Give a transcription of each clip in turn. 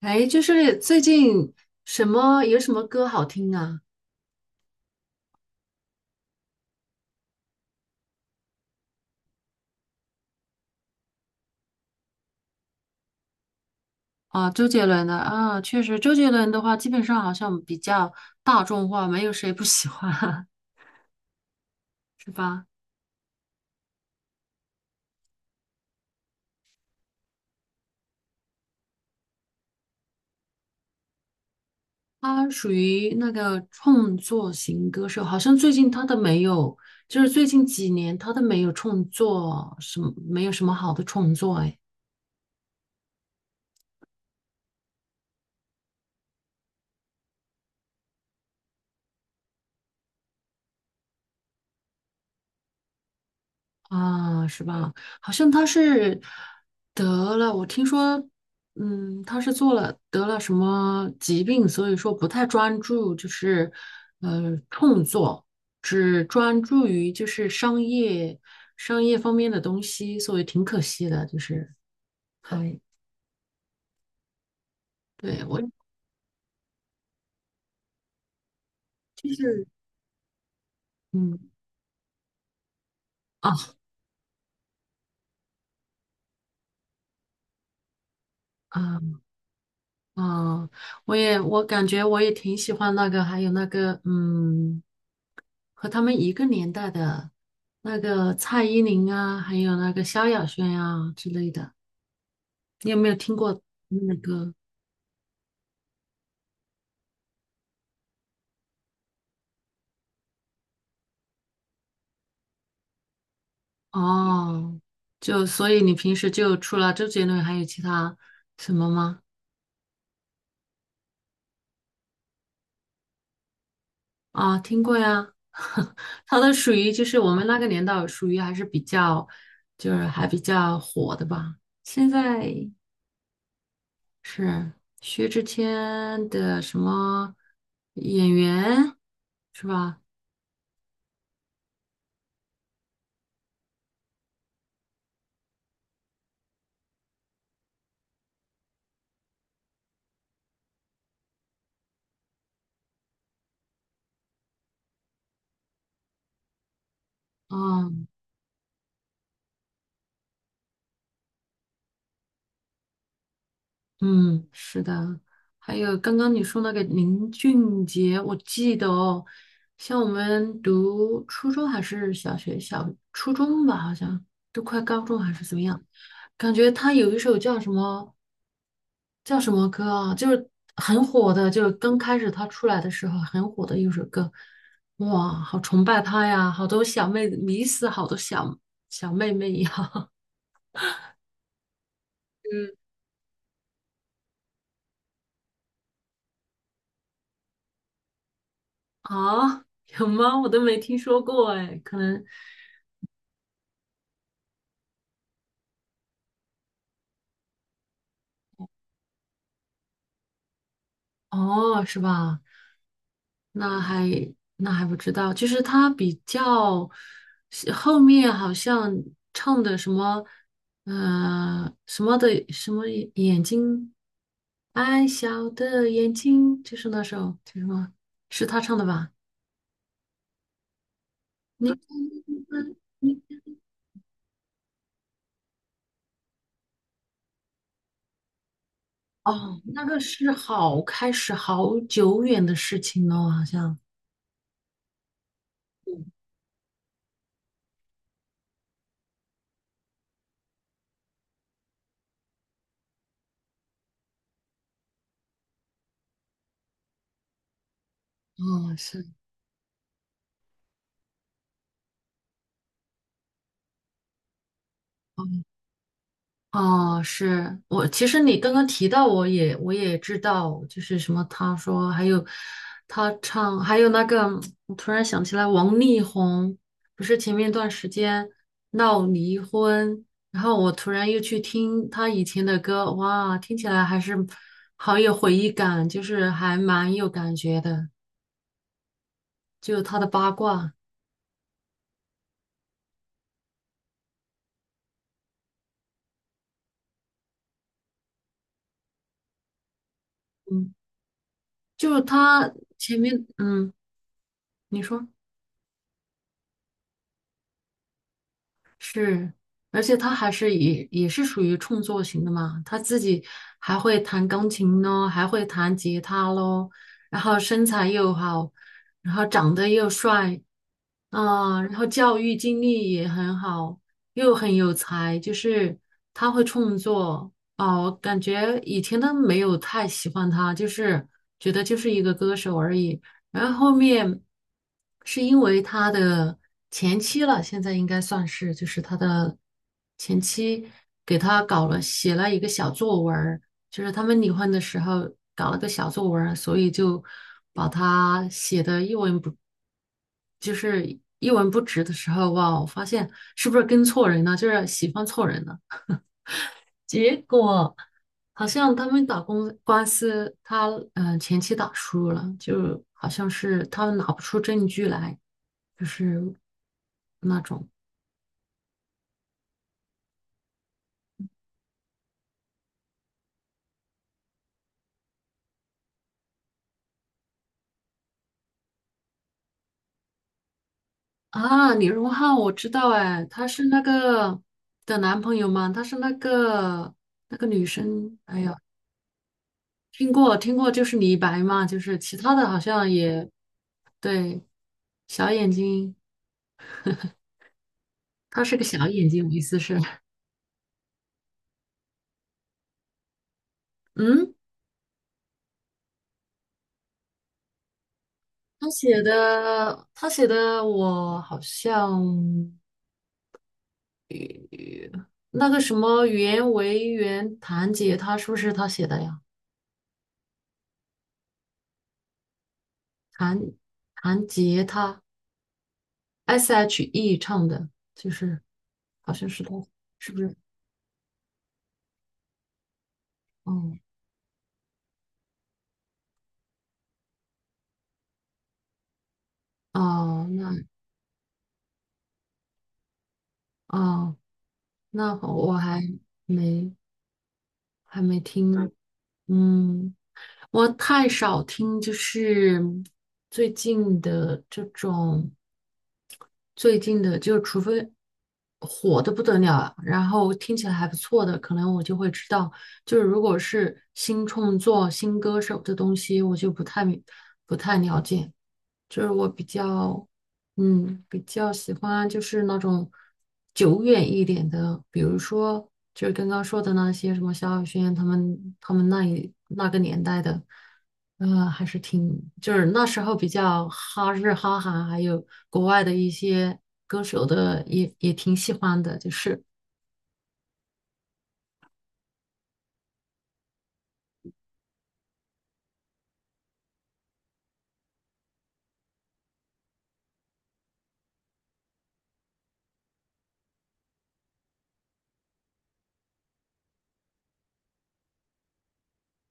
哎，就是最近什么有什么歌好听啊？啊，周杰伦的啊，确实，周杰伦的话，基本上好像比较大众化，没有谁不喜欢啊，是吧？他属于那个创作型歌手，好像最近他都没有，就是最近几年他都没有创作什么，没有什么好的创作，哎。啊，是吧？好像他是得了，我听说，他是做了得了什么疾病，所以说不太专注，就是创作，只专注于就是商业方面的东西，所以挺可惜的，就是还对我就是嗯啊啊啊，我感觉我也挺喜欢那个，还有那个和他们一个年代的那个蔡依林啊，还有那个萧亚轩啊之类的，你有没有听过他们的歌？哦，就所以你平时就除了周杰伦，还有其他什么吗？啊，听过呀，他都属于就是我们那个年代属于还是比较就是还比较火的吧。现在是薛之谦的什么演员是吧？嗯。嗯，是的。还有刚刚你说那个林俊杰，我记得哦，像我们读初中还是小学，小初中吧，好像都快高中还是怎么样，感觉他有一首叫什么叫什么歌啊，就是很火的，就是刚开始他出来的时候很火的一首歌，哇，好崇拜他呀，好多小妹子迷死好多小妹妹呀，嗯，啊，有吗？我都没听说过哎，可能。哦，是吧？那还那还不知道，就是他比较后面好像唱的什么，什么的什么眼睛，爱笑的眼睛，就是那首叫什么？是他唱的吧？你你哦，那个是好开始好久远的事情了，好像哦，是。哦，是我。其实你刚刚提到，我也知道，就是什么，他说还有他唱，还有那个，我突然想起来，王力宏不是前面一段时间闹离婚，然后我突然又去听他以前的歌，哇，听起来还是好有回忆感，就是还蛮有感觉的，就他的八卦，嗯，就他前面，你说。是，而且他还是也也是属于创作型的嘛，他自己还会弹钢琴咯，还会弹吉他咯，然后身材又好，然后长得又帅，啊，然后教育经历也很好，又很有才，就是他会创作哦，我感觉以前都没有太喜欢他，就是觉得就是一个歌手而已。然后后面是因为他的前妻了，现在应该算是就是他的前妻给他搞了写了一个小作文，就是他们离婚的时候搞了个小作文儿所以就把他写的一文不，就是一文不值的时候，哇，我发现是不是跟错人了，就是喜欢错人了。结果好像他们打公官司，他前妻打输了，就好像是他们拿不出证据来，就是那种。啊，李荣浩我知道哎，他是那个的男朋友嘛，他是那个女生，哎呀，听过听过，就是李白嘛，就是其他的好像也对，小眼睛，他是个小眼睛，我意思是，嗯，他写的我好像那个什么袁惟仁弹吉他是不是他写的呀？弹弹吉他。S.H.E 唱的，就是好像是他，是不是？哦哦，哦那好我没还没听呢，嗯，我太少听，就是最近的这种，最近的就除非火的不得了，然后听起来还不错的，可能我就会知道。就是如果是新创作、新歌手的东西，我就不太了解。就是我比较，比较喜欢就是那种久远一点的，比如说就是刚刚说的那些什么萧亚轩他们那个年代的，还是挺就是那时候比较哈日哈韩，还有国外的一些歌手的也挺喜欢的，就是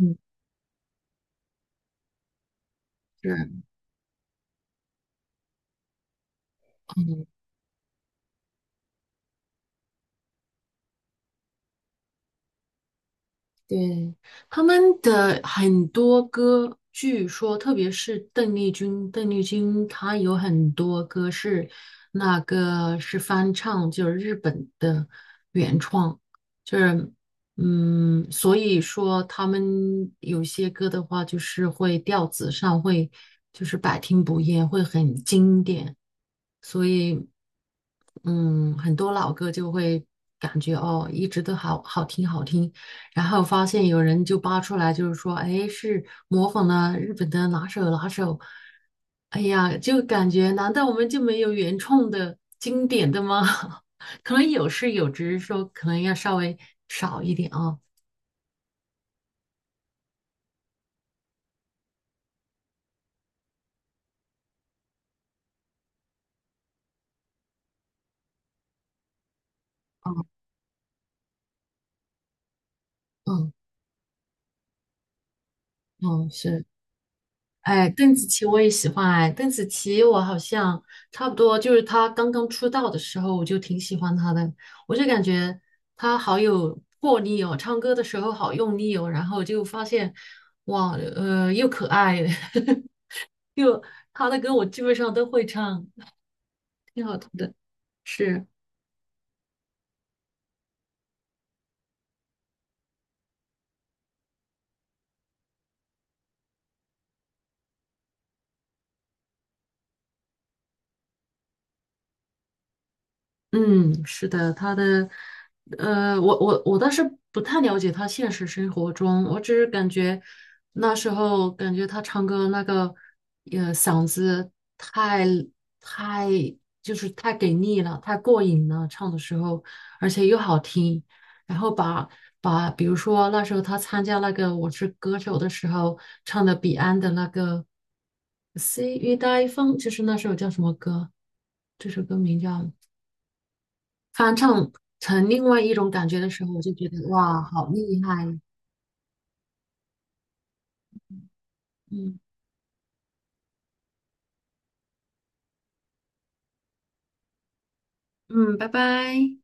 嗯。对，他们的很多歌，据说特别是邓丽君，邓丽君她有很多歌是那个是翻唱，就是日本的原创，就是所以说他们有些歌的话，就是会调子上会就是百听不厌，会很经典，所以很多老歌就会感觉哦，一直都好好听好听。然后发现有人就扒出来，就是说，哎，是模仿了日本的哪首哪首，哎呀，就感觉难道我们就没有原创的经典的吗？可能有是有，只是说可能要稍微少一点啊。嗯嗯嗯，是。哎，邓紫棋我也喜欢哎，邓紫棋我好像差不多，就是她刚刚出道的时候，我就挺喜欢她的。我就感觉她好有魄力哦，唱歌的时候好用力哦，然后就发现哇，又可爱，又她的歌我基本上都会唱，挺好听的。是，嗯，是的，他的，我倒是不太了解他现实生活中，我只是感觉那时候感觉他唱歌那个，嗓子太太就是太给力了，太过瘾了，唱的时候，而且又好听，然后把比如说那时候他参加那个《我是歌手》的时候唱的彼岸的那个《s e e you 细雨待风》，就是那首叫什么歌？这首歌名叫。翻唱成另外一种感觉的时候，我就觉得哇，好厉害！嗯嗯，拜拜。